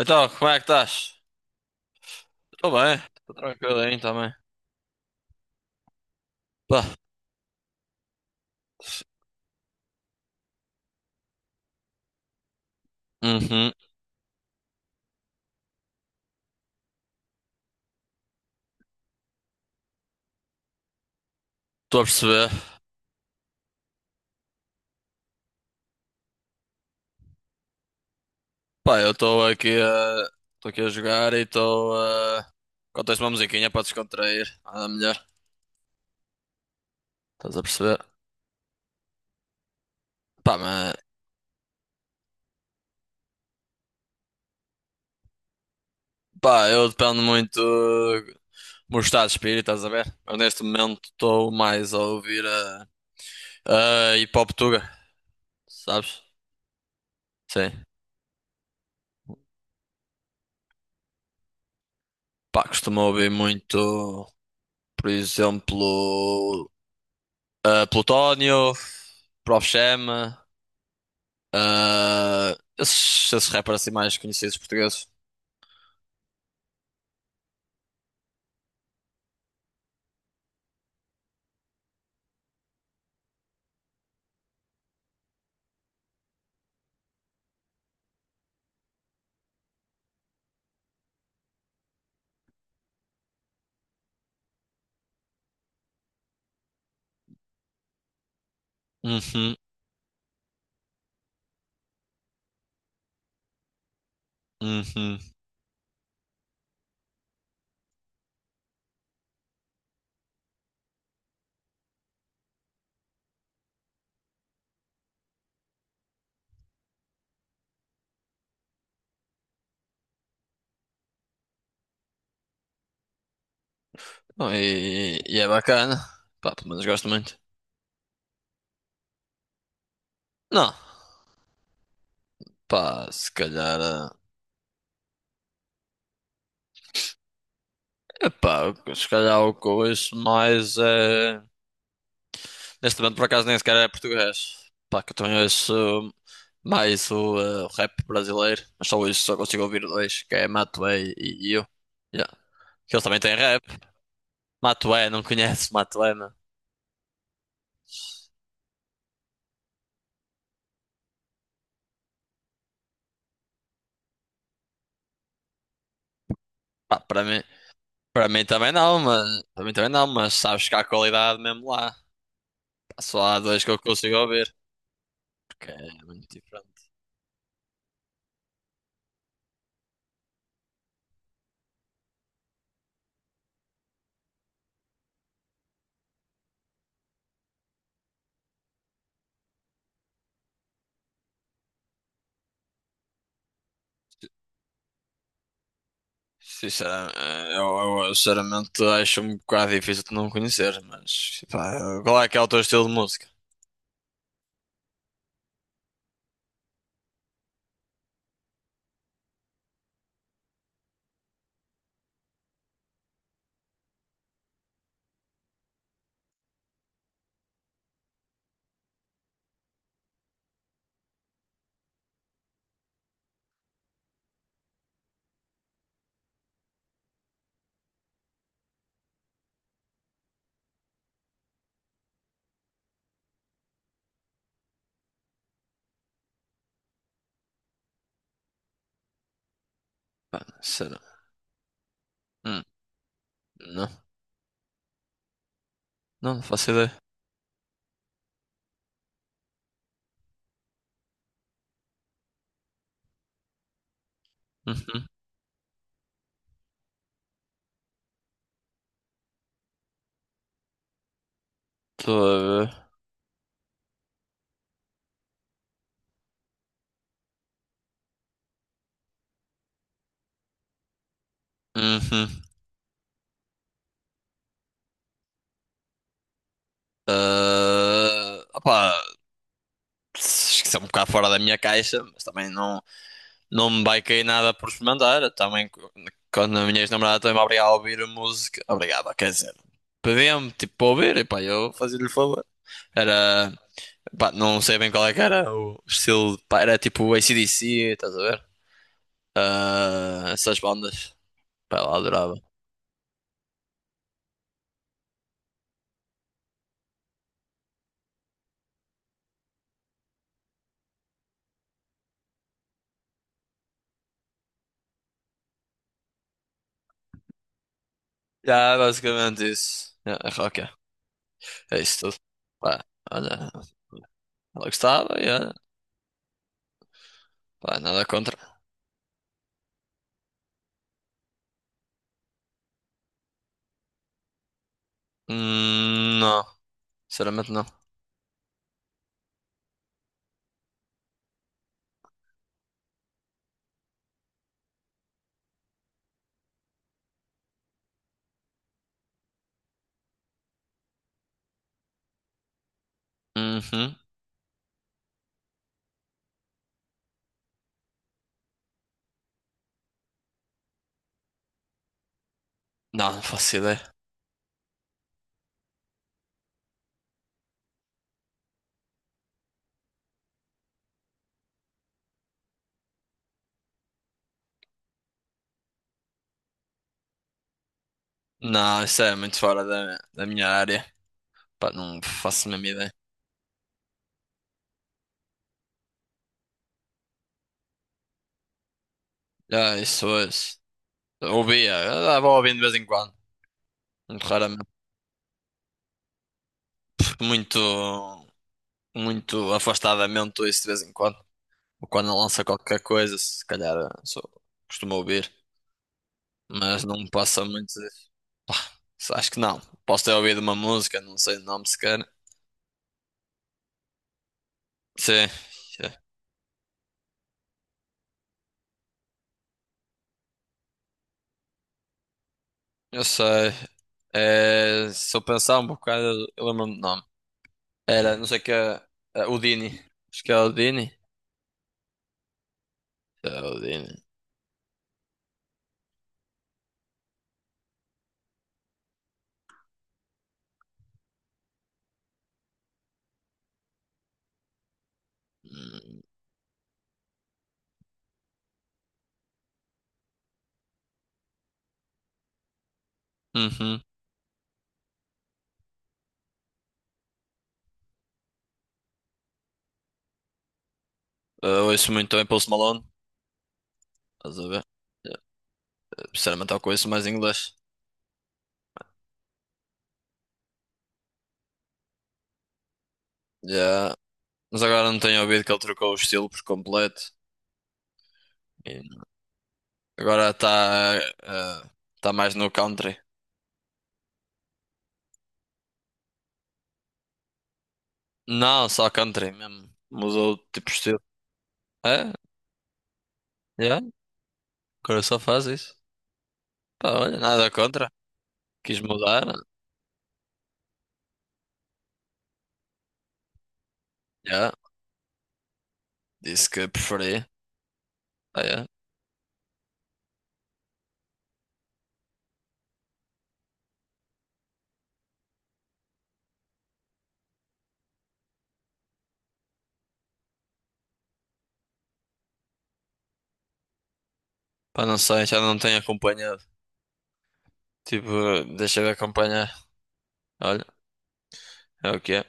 Então, como é que estás? Estou bem, estou tranquilo aí também. Pá, uhum, estou a perceber. Pá, eu estou aqui a. Estou aqui a jogar e estou a. Contei-se uma musiquinha para descontrair, nada melhor. Estás a perceber? Pá, mas. Pá, eu dependo muito do meu estado de espírito, estás a ver? Eu neste momento estou mais a ouvir a. A hip hop tuga, sabes? Sim. Pá, costumo ouvir muito, por exemplo. Plutónio, Prof. Jam, esses rappers assim mais conhecidos portugueses. Uhum, uhum. Bom, e é bacana. Pá, pelo menos gosto muito. Não, pá, se calhar. Epá, se calhar o que eu ouço mais é. Neste momento, por acaso, nem sequer é português. Pá, que eu também ouço mais o rap brasileiro. Mas só isso, só consigo ouvir dois, que é Matuê e eu. Yeah. Que eles também têm rap. Matuê, não conheces Matuê. Pá, para mim também não, mas para mim também não, mas sabes que há qualidade mesmo lá. Pá, só há dois que eu consigo ouvir, porque é muito diferente. Sinceramente, sinceramente acho um bocado difícil de não conhecer, mas pá, qual é que é o teu estilo de música? Sério? Hum, não, não, não faço ideia. Uhum. Estou a ver. Uhum. Ah, opá, acho que isso é um bocado fora da minha caixa, mas também não. Não me vai cair nada por experimentar. Também, quando a minha ex-namorada também me obrigava a ouvir música. Obrigada, quer dizer. Pedia-me, tipo, para ouvir. E pá, eu fazia-lhe o favor. Era. Pá, não sei bem qual é que era o estilo. Pá, era tipo AC/DC, estás a ver? Ah, essas bandas. Pá, ela adorava. Já, basicamente isso. É, é rock, é. É isso tudo. Pá, olha, ela gostava e olha, pá, nada contra. Não, sinceramente não. Uhum. Não, não faço ideia. Não, isso é muito fora da minha área. Pá, não faço a mesma ideia. Já, isso hoje. Ouvia, vou ouvindo de vez em quando. Muito raramente, muito, muito afastadamente ouço de vez em quando. Ou quando lança qualquer coisa, se calhar só costumo ouvir. Mas não passa muito disso. Pá, acho que não. Posso ter ouvido uma música, não sei o nome sequer. Sim, sim, eu sei. É, se eu pensar um bocado, eu lembro-me de nomes. Era, não sei o que é. É Houdini. Acho que é Houdini. É Houdini. Hum. Uhum. Eu ouço muito também Post Malone. Estás a ver? Eh, Sinceramente, eu conheço mais inglês. Yeah. Mas agora não tenho ouvido que ele trocou o estilo por completo. E agora está eh, está mais no country. Não, só country mesmo. Mudou de tipo de estilo. É, yeah. Agora só faz isso. Pá, olha, nada contra. Quis mudar. Yeah. Disse que preferia. Ah, yeah. Pá, não sei, já não tenho acompanhado. Tipo, deixa eu ver acompanhar. Olha, é o que é.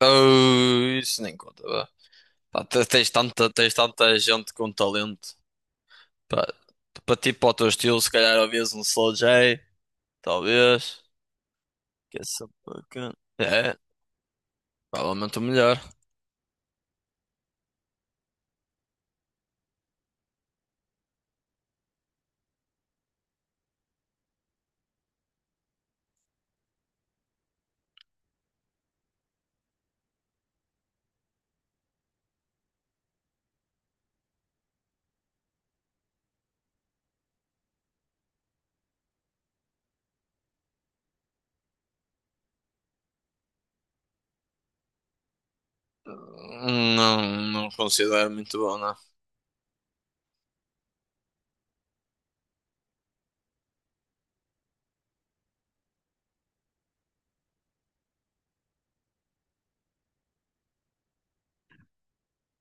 Oh, isso nem conta, vá. Pá, tens tanta gente com talento. Pá, para ti, para o teu estilo, se calhar ouvias um Slow J, talvez. Que é sempre bacana. É, provavelmente o melhor. Não, não considero muito bom, não.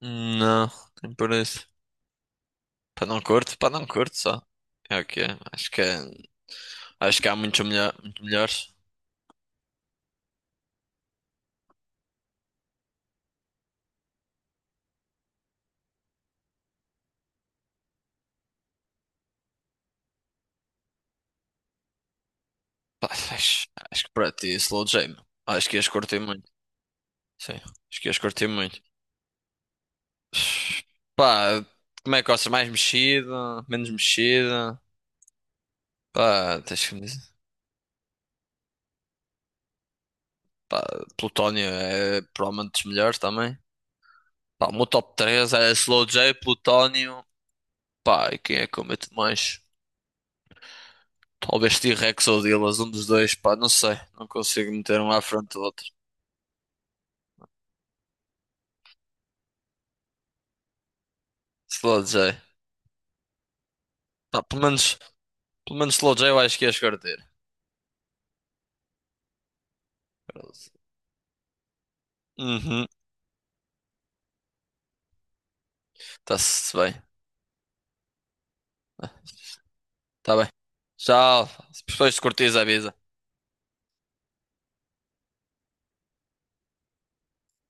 Não, nem por isso. Para não curto só. É o que é. Acho que, é- acho que há muito melhores. Pá, acho que para ti, Slow J, meu. Acho que ias curtir muito. Sim, acho que ias curtir muito. Pá, como é que gostas? Mais mexida? Menos mexida? Pá, tens que me dizer. Pá, Plutónio é provavelmente dos melhores também. Pá, o meu top 3 é Slow J, Plutónio. Pá, e quem é que eu meto mais? Talvez T-Rex ou Dillaz, um dos dois. Pá, não sei. Não consigo meter um à frente do outro. Slow J. Pá, pelo menos Slow J eu acho que ias curtir. Uhum. Está-se bem. Tá bem. Tchau. Se depois curtires, avisa.